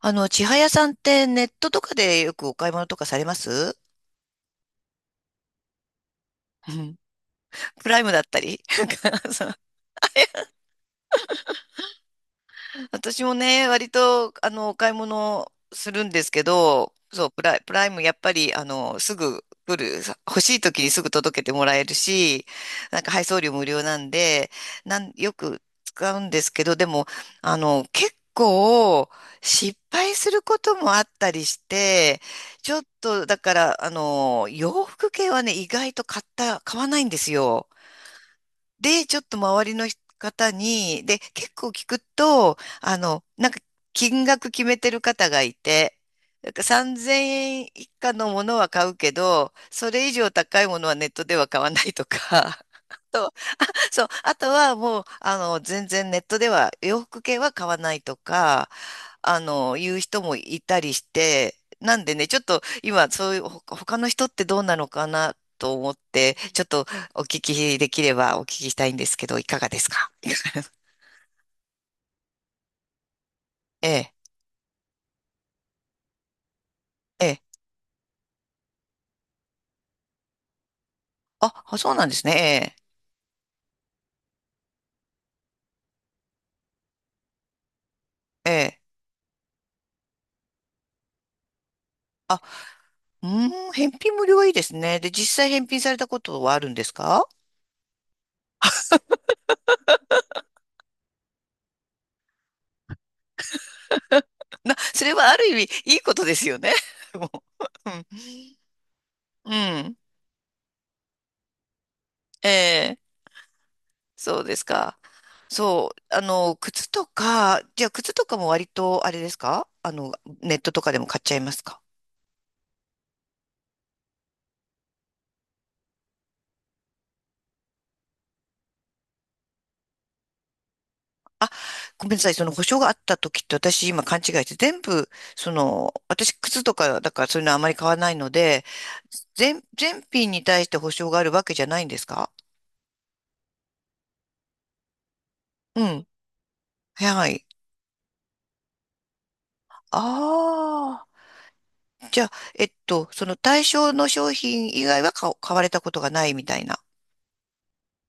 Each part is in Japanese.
千早さんってネットとかでよくお買い物とかされますうん。プライムだったり。私もね、割と、お買い物するんですけど、そう、プライム、やっぱり、すぐ来る、さ欲しい時にすぐ届けてもらえるし、なんか配送料無料なんで、よく使うんですけど、でも、結構、失敗することもあったりして、ちょっと、だから、洋服系はね、意外と買った、買わないんですよ。で、ちょっと周りの方に、で、結構聞くと、あの、なんか金額決めてる方がいて、なんか3,000円以下のものは買うけど、それ以上高いものはネットでは買わないとか、あと、そう、あとはもう、全然ネットでは洋服系は買わないとか、言う人もいたりして、なんでね、ちょっと今、そういう、他の人ってどうなのかなと思って、ちょっとお聞きできればお聞きしたいんですけど、いかがですか？ ええ、ええ。あ、あそうなんですね。ええ、ええ。あ、うーん、返品無料はいいですね。で、実際返品されたことはあるんですか？な、それはある意味、いいことですよね。もう。うん。うん。ええ、そうですか。そう、あの、靴とか、じゃあ靴とかも割とあれですか？ネットとかでも買っちゃいますか？ごめんなさい、その保証があった時って私今勘違いして全部、その、私靴とかだからそういうのはあまり買わないので、全品に対して保証があるわけじゃないんですか？うん。はい。ああ。じゃあ、えっと、その対象の商品以外は買われたことがないみたいな。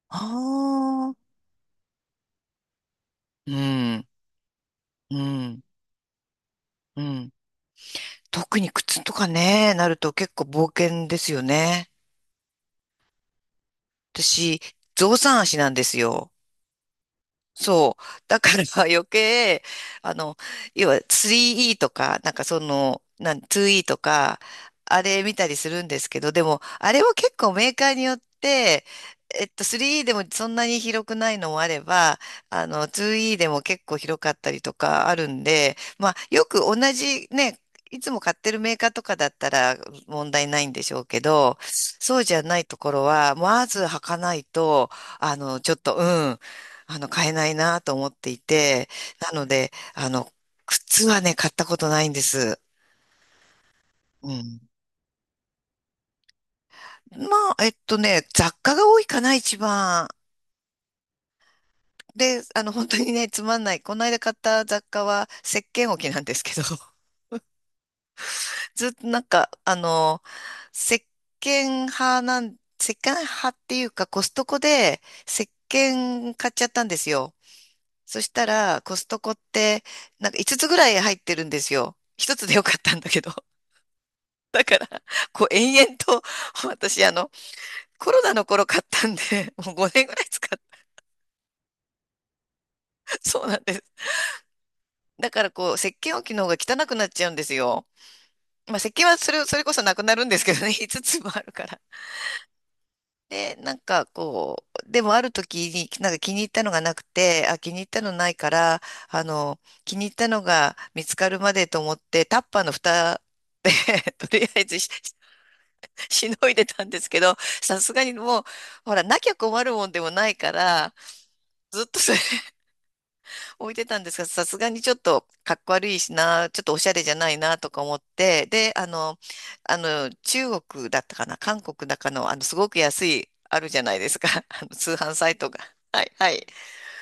ああ。うん。うん。うん。特に靴とかね、なると結構冒険ですよね。私、象さん足なんですよ。そう。だから 余計、あの、要は 3E とか、2E とか、あれ見たりするんですけど、でも、あれは結構メーカーによって、えっと、3E でもそんなに広くないのもあれば、2E でも結構広かったりとかあるんで、まあ、よく同じね、いつも買ってるメーカーとかだったら問題ないんでしょうけど、そうじゃないところは、まず履かないと、あの、ちょっと、うん。あの、買えないなと思っていて、なので、靴はね、買ったことないんです。うん。まあ、えっとね、雑貨が多いかな、一番。で、本当にね、つまんない。この間買った雑貨は、石鹸置きなんですけど、ずっとなんか、石鹸派なん、石鹸派っていうか、コストコで石鹸買っちゃったんですよ。そしたら、コストコって、なんか5つつぐらい入ってるんですよ。1つでよかったんだけど。こう延々と、私、コロナの頃買ったんで、もう5年ぐらい使った。そうなんです。だからこう、石鹸置きの方が汚くなっちゃうんですよ。まあ、石鹸はそれ、それこそなくなるんですけどね、5つつもあるから。で、なんかこう、でもある時に、なんか気に入ったのがなくて、あ、気に入ったのないから、気に入ったのが見つかるまでと思って、タッパーの蓋で とりあえずし、しのいでたんですけど、さすがにもう、ほら、なきゃ困るもんでもないから、ずっとそれ 置いてたんですが、さすがにちょっとかっこ悪いしな、ちょっとおしゃれじゃないなとか思って、で、中国だったかな、韓国だかの、すごく安い、あるじゃないですか、通販サイトが。はい、はい。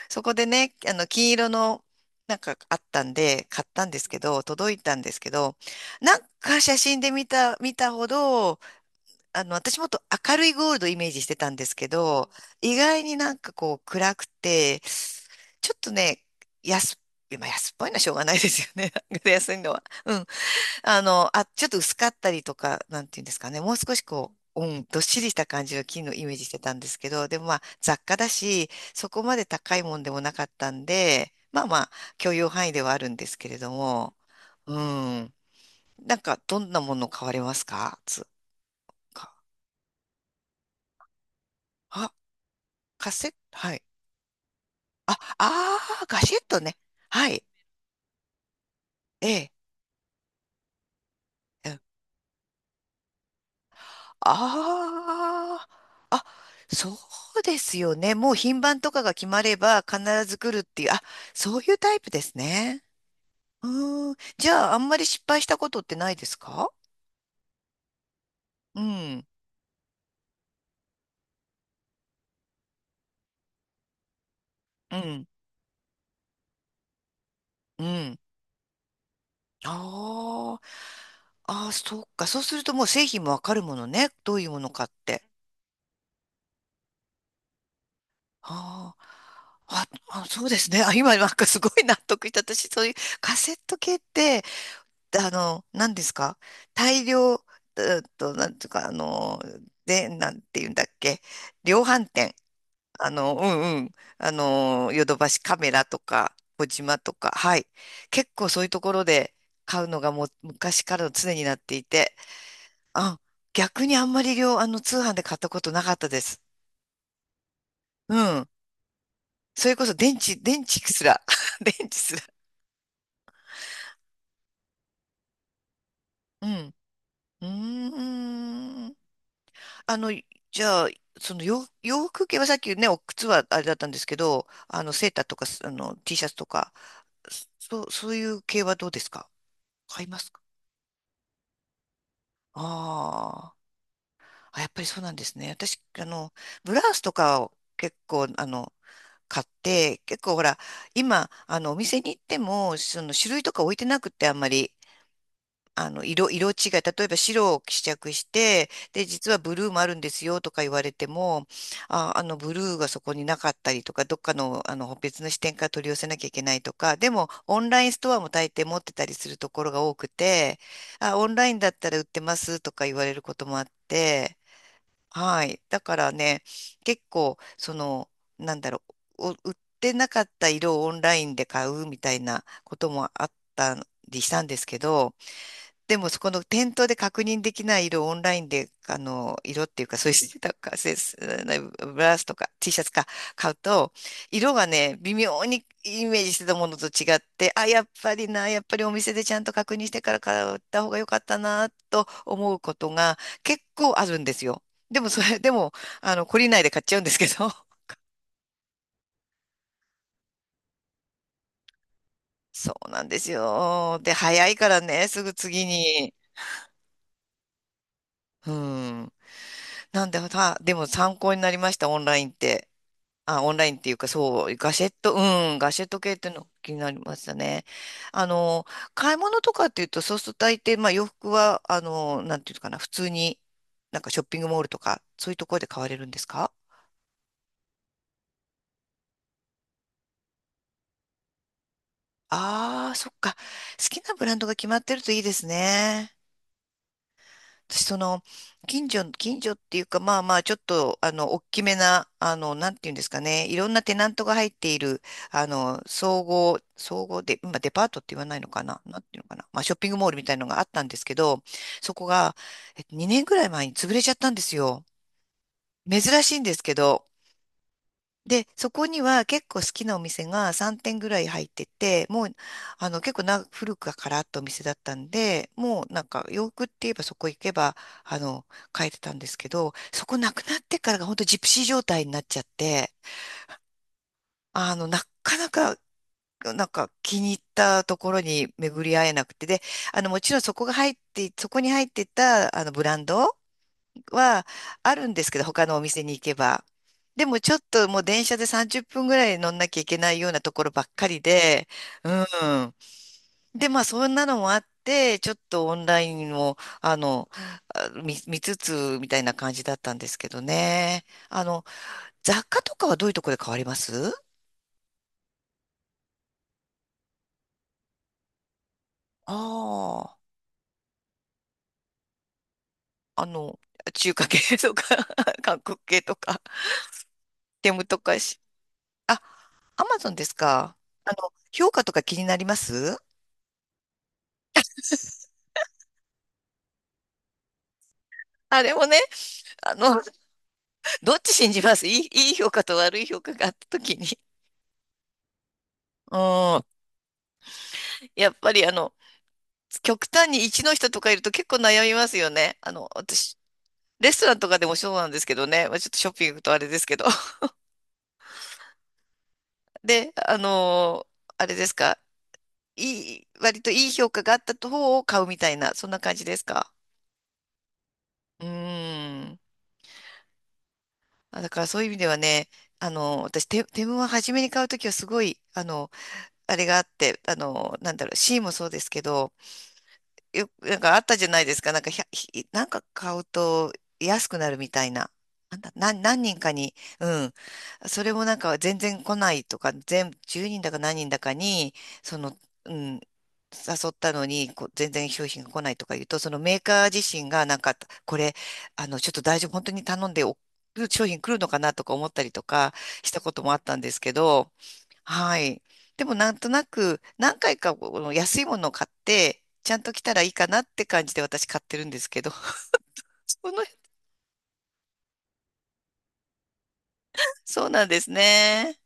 そこでね、金色の、なんかあったんで、買ったんですけど、届いたんですけど、なんか写真で見た、見たほど、私もっと明るいゴールドをイメージしてたんですけど、意外になんかこう暗くて、ちょっとね、安、まあ安っぽいのはしょうがないですよね。なんか安いのは。うん。ちょっと薄かったりとか、なんていうんですかね。もう少しこう、うん、どっしりした感じの金のイメージしてたんですけど、でもまあ雑貨だし、そこまで高いもんでもなかったんで、まあまあ許容範囲ではあるんですけれども、うん。なんかどんなもの買われますか？つか。カセット、はい。あ、ああ、ガシェットね。はい。ええ。ああー、あ、そうですよね。もう品番とかが決まれば必ず来るっていう。あ、そういうタイプですね。うーん。じゃあ、あんまり失敗したことってないですか？うん、うん、うん。あー、あー、そっか。そうするともう製品もわかるものね。どういうものかって。あー、あ、あ、そうですね。あ、今なんかすごい納得した。私、そういうカセット系って、何ですか？大量、えっと、なんていうか、なんて言うんだっけ？量販店。ヨドバシカメラとか、小島とか、はい。結構そういうところで買うのがもう昔からの常になっていて、あ、逆にあんまり量、あの、通販で買ったことなかったです。うん。それこそ電池、電池すら。電池すら。うん。うーん。じゃあ、その洋服系はさっきね、お靴はあれだったんですけど、セーターとか、T シャツとか、そう、そういう系はどうですか？買いますか？あー、あ、やっぱりそうなんですね。私、ブラウスとかを結構、買って、結構ほら、今、お店に行っても、その種類とか置いてなくって、あんまり。色違い、例えば白を試着して、で、実はブルーもあるんですよとか言われても、ブルーがそこになかったりとか、どっかの、別の視点から取り寄せなきゃいけないとか、でも、オンラインストアも大抵持ってたりするところが多くて、あ、オンラインだったら売ってますとか言われることもあって、はい。だからね、結構、その、なんだろう、お売ってなかった色をオンラインで買うみたいなこともあったりしたんですけど、でも、そこの店頭で確認できない色をオンラインで、あの、色っていうか、そういうなんか、せすブラウスとか T シャツか買うと、色がね、微妙にイメージしてたものと違って、あ、やっぱりな、やっぱりお店でちゃんと確認してから買った方が良かったな、と思うことが結構あるんですよ。でも、それ、でも、懲りないで買っちゃうんですけど。そうなんですよ。で、早いからね、すぐ次に。うん。なんで、でも参考になりました、オンラインって。あ、オンラインっていうか、そう、ガシェット系っていうの気になりましたね。あの、買い物とかっていうと、そうすると大抵、まあ洋服は、なんていうのかな、普通に、なんかショッピングモールとか、そういうところで買われるんですか？ああー、そっか。好きなブランドが決まってるといいですね。私、その、近所っていうか、まあまあ、ちょっと、あの、大きめな、あの、なんていうんですかね、いろんなテナントが入っている、総合で、今、デパートって言わないのかな、なんていうのかな、まあ、ショッピングモールみたいのがあったんですけど、そこが、2年ぐらい前に潰れちゃったんですよ。珍しいんですけど、で、そこには結構好きなお店が3店ぐらい入ってて、もう、あの、結構な、古くからあったお店だったんで、もうなんか洋服って言えばそこ行けば、あの、買えてたんですけど、そこなくなってからが本当ジプシー状態になっちゃって、あの、なかなか、なんか気に入ったところに巡り合えなくて、で、あの、もちろんそこに入ってた、あの、ブランドはあるんですけど、他のお店に行けば。でもちょっともう電車で30分ぐらい乗んなきゃいけないようなところばっかりで、うん。で、まあそんなのもあって、ちょっとオンラインも、見つつみたいな感じだったんですけどね。あの、雑貨とかはどういうところで変わりますああ、あの、中華系とか 韓国系とか、テムとかし、あ、アマゾンですか。あの、評価とか気になりますあれもね、あの、どっち信じますいい評価と悪い評価があった時に。うん。やっぱりあの、極端に一の人とかいると結構悩みますよね。あの、私、レストランとかでもそうなんですけどね。まあ、ちょっとショッピングとあれですけど。で、あのーあれですか。割といい評価があった方を買うみたいな、そんな感じですか。うーん。あだからそういう意味ではね、テムは初めに買うときはすごい、あの、あれがあって、あの、なんだろう、シーもそうですけど、よ、なんかあったじゃないですか。なんか、ひゃひなんか買うと安くなるみたいな。なんだ、な、何人かに、うん。それもなんか全然来ないとか、全、10人だか何人だかに、その、うん、誘ったのに、こう、全然商品が来ないとか言うと、そのメーカー自身がなんか、これ、あの、ちょっと大丈夫、本当に頼んでお、商品来るのかなとか思ったりとかしたこともあったんですけど、はい。でもなんとなく何回かこの安いものを買って、ちゃんと着たらいいかなって感じで私買ってるんですけど。その、そうなんですね。